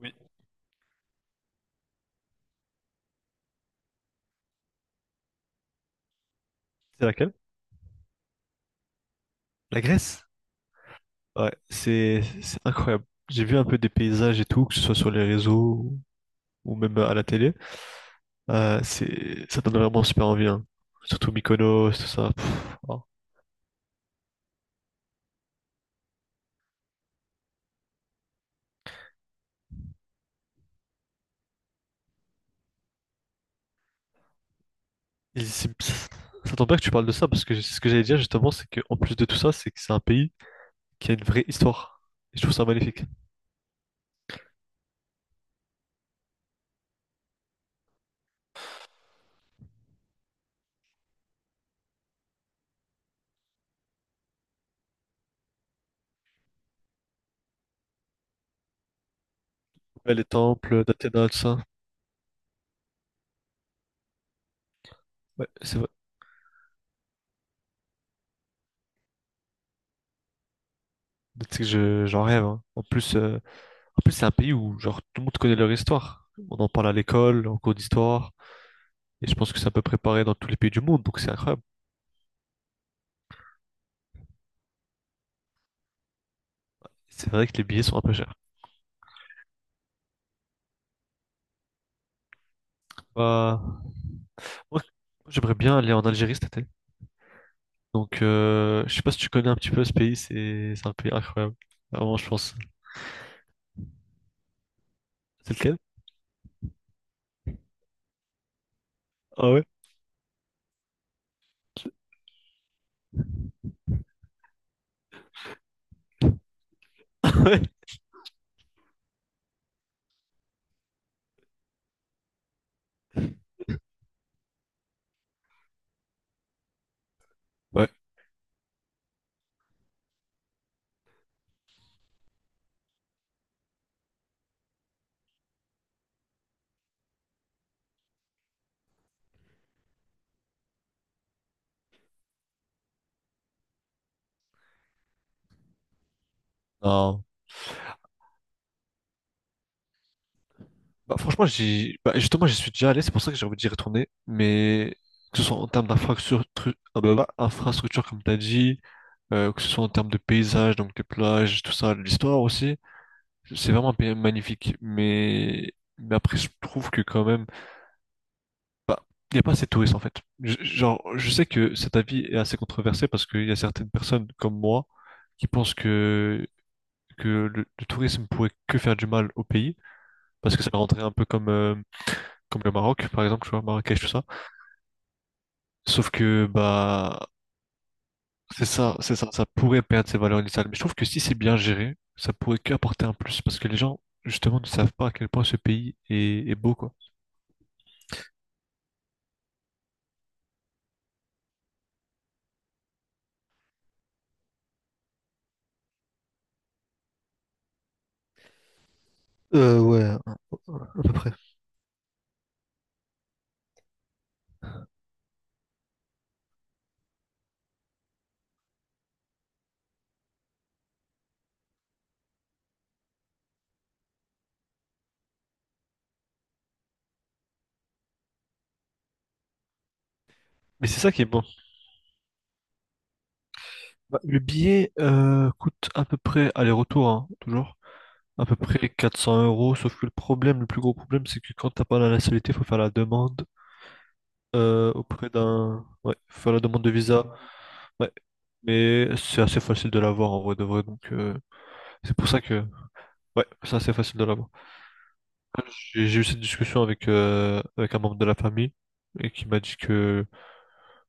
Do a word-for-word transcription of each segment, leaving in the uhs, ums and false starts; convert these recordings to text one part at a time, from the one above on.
Oui. C'est laquelle? La Grèce? Ouais, c'est c'est incroyable. J'ai vu un peu des paysages et tout, que ce soit sur les réseaux ou ou même à la télé. Euh, c'est ça donne vraiment super envie, hein. Surtout Mykonos, tout ça. Pff, oh. Et c'est- Ça tombe bien que tu parles de ça parce que c'est ce que j'allais dire justement, c'est qu'en plus de tout ça, c'est que c'est un pays qui a une vraie histoire. Et je trouve ça magnifique. Ouais, les temples d'Athéna, tout ça. Ouais, c'est vrai. C'est que je, j'en rêve, hein. En plus, euh, en plus c'est un pays où genre tout le monde connaît leur histoire. On en parle à l'école, en cours d'histoire. Et je pense que c'est à peu près pareil dans tous les pays du monde, donc c'est incroyable. C'est vrai que les billets sont un peu chers. Bah, moi, j'aimerais bien aller en Algérie cet été. Donc, euh, je sais pas si tu connais un petit peu ce pays, c'est c'est un pays incroyable. Vraiment, je pense. C'est lequel? Ah ouais? Ouais. Ouais. Non. Bah, franchement, j'y... Bah, justement, j'y suis déjà allé, c'est pour ça que j'ai envie d'y retourner. Mais que ce soit en termes d'infrastructure, ah bah, bah, infrastructure, comme tu as dit, euh, que ce soit en termes de paysage, donc des plages, tout ça, de l'histoire aussi. C'est vraiment un pays magnifique, mais, mais après, je trouve que quand même, bah, il n'y a pas assez de touristes en fait. Je- Genre, je sais que cet avis est assez controversé parce qu'il y a certaines personnes comme moi qui pensent que, que le, le tourisme pourrait que faire du mal au pays parce que ça rendrait un peu comme, euh, comme le Maroc, par exemple, tu vois, Marrakech, tout ça. Sauf que, bah, c'est ça, c'est ça, ça pourrait perdre ses valeurs initiales. Mais je trouve que si c'est bien géré, ça pourrait qu'apporter un plus parce que les gens, justement, ne savent pas à quel point ce pays est, est beau, quoi. Euh, ouais, à peu près. Mais c'est ça qui est bon. Bah, le billet euh, coûte à peu près aller-retour, hein, toujours, à peu près quatre cents euros. Sauf que le problème, le plus gros problème, c'est que quand t'as pas la nationalité, faut faire la demande euh, auprès d'un, ouais, faut faire la demande de visa. Ouais, mais c'est assez facile de l'avoir en vrai de vrai. Donc euh, c'est pour ça que, ouais, c'est assez facile de l'avoir. J'ai j'ai eu cette discussion avec euh, avec un membre de la famille. Et qui m'a dit que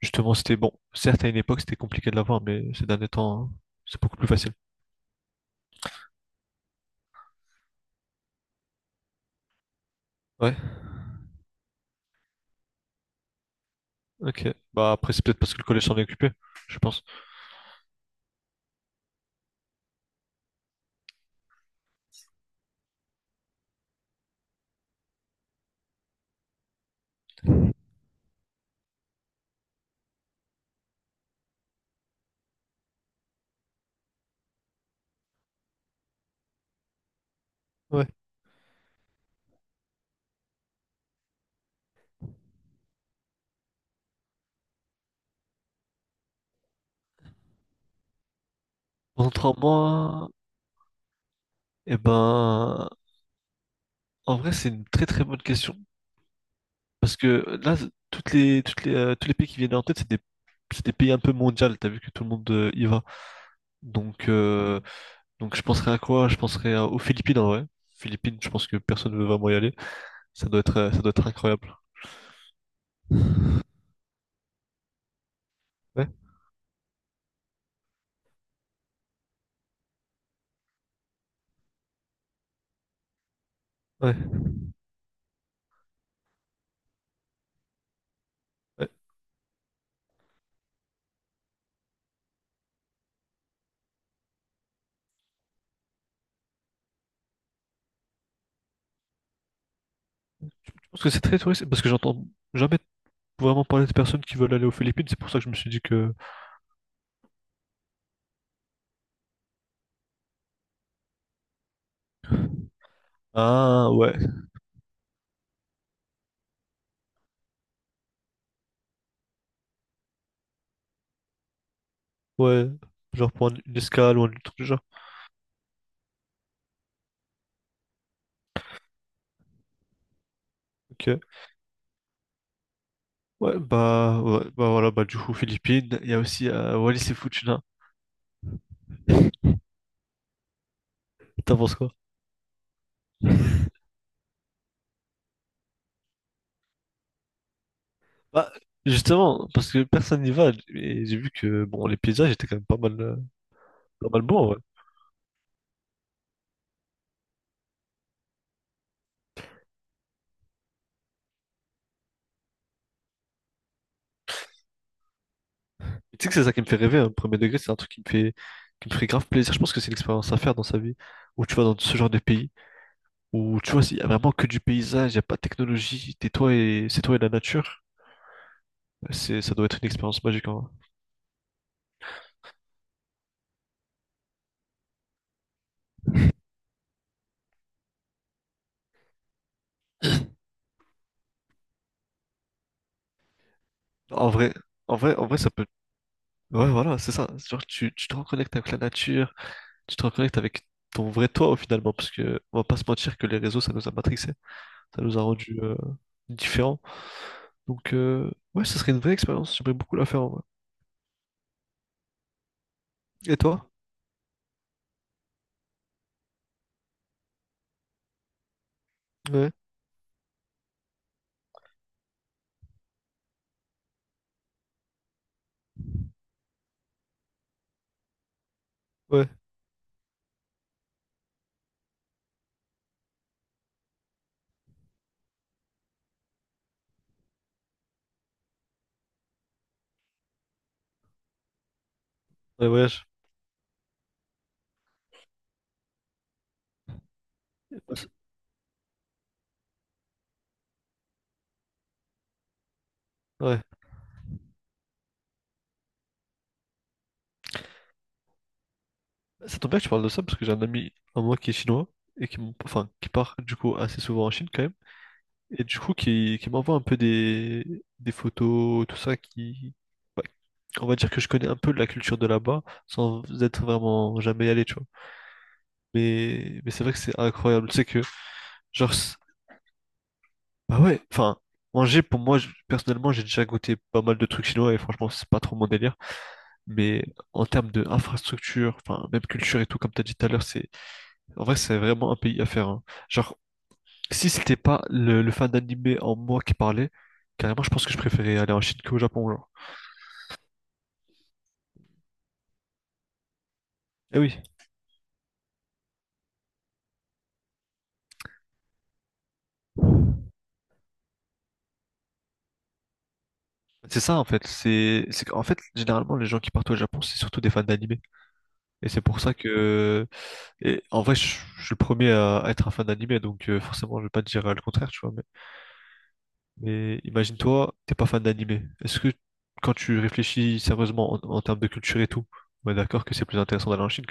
justement c'était bon. Certes, à une époque c'était compliqué de l'avoir, mais ces derniers temps, hein, c'est beaucoup plus facile. Ouais, ok. Bah après c'est peut-être parce que le collège s'en est occupé, je pense. Ouais. Contrairement, eh ben, en vrai c'est une très très bonne question parce que là toutes les toutes les euh, tous les pays qui viennent en tête c'est des c'est des pays un peu mondiaux. T'as vu que tout le monde euh, y va. Donc euh, donc je penserais à quoi? Je penserais à- aux Philippines en vrai. Philippines, je pense que personne ne veut vraiment y aller. Ça doit être euh, ça doit être incroyable. Ouais, ouais, ouais. Je pense que c'est très touristique parce que j'entends jamais vraiment parler de personnes qui veulent aller aux Philippines. C'est pour ça que je me suis dit que ah ouais, ouais, genre prendre une escale ou un truc du genre. Ok. Ouais, bah ouais, bah voilà, bah du coup Philippines, il y a aussi euh, Wallis et Futuna. T'en penses quoi? Bah justement, parce que personne n'y va, et j'ai vu que bon les paysages étaient quand même pas mal euh, pas mal bons, ouais. Et tu sais que c'est ça qui me fait rêver, hein, premier degré, c'est un truc qui me fait qui me ferait grave plaisir. Je pense que c'est une expérience à faire dans sa vie, où tu vas dans ce genre de pays, où tu vois, il y a vraiment que du paysage, il n'y a pas de technologie, t'es toi et c'est toi et la nature. C'est, ça doit être une expérience magique en vrai. En vrai, en vrai, En vrai, ça peut. Ouais, voilà, c'est ça. Genre, tu, tu te reconnectes avec la nature, tu te reconnectes avec ton vrai toi, au finalement, parce que on va pas se mentir que les réseaux, ça nous a matrixés, ça nous a rendus euh, différents. Donc, euh, ouais, ce serait une vraie expérience. J'aimerais beaucoup la faire en vrai. Et toi? Ouais, ouais, ouais, voyage. Ouais. Ça tombe bien que tu parles de ça, parce que j'ai un ami à moi qui est chinois et qui, m- enfin, qui part du coup assez souvent en Chine quand même. Et du coup, qui, qui m'envoie un peu des, des photos, tout ça, qui, ouais, on va dire que je connais un peu la culture de là-bas, sans être vraiment jamais allé, tu vois. Mais, mais c'est vrai que c'est incroyable, tu sais que, genre, c'est- bah ouais, enfin, manger, pour moi, je- personnellement, j'ai déjà goûté pas mal de trucs chinois, et franchement, c'est pas trop mon délire. Mais en termes d'infrastructure, enfin, même culture et tout, comme t'as dit tout à l'heure, c'est, en vrai, c'est vraiment un pays à faire, hein. Genre, si c'était pas le, le fan d'animé en moi qui parlait, carrément, je pense que je préférais aller en Chine qu'au Japon, genre. Eh oui. C'est ça, en fait. C'est, c'est, qu'en fait, généralement, les gens qui partent au Japon, c'est surtout des fans d'animé. Et c'est pour ça que, et en vrai, je, je suis le premier à à être un fan d'animé, donc euh, forcément, je vais pas te dire euh, le contraire, tu vois. Mais, mais imagine-toi, t'es pas fan d'animé. Est-ce que, quand tu réfléchis sérieusement en, en termes de culture et tout, on est d'accord que c'est plus intéressant d'aller en Chine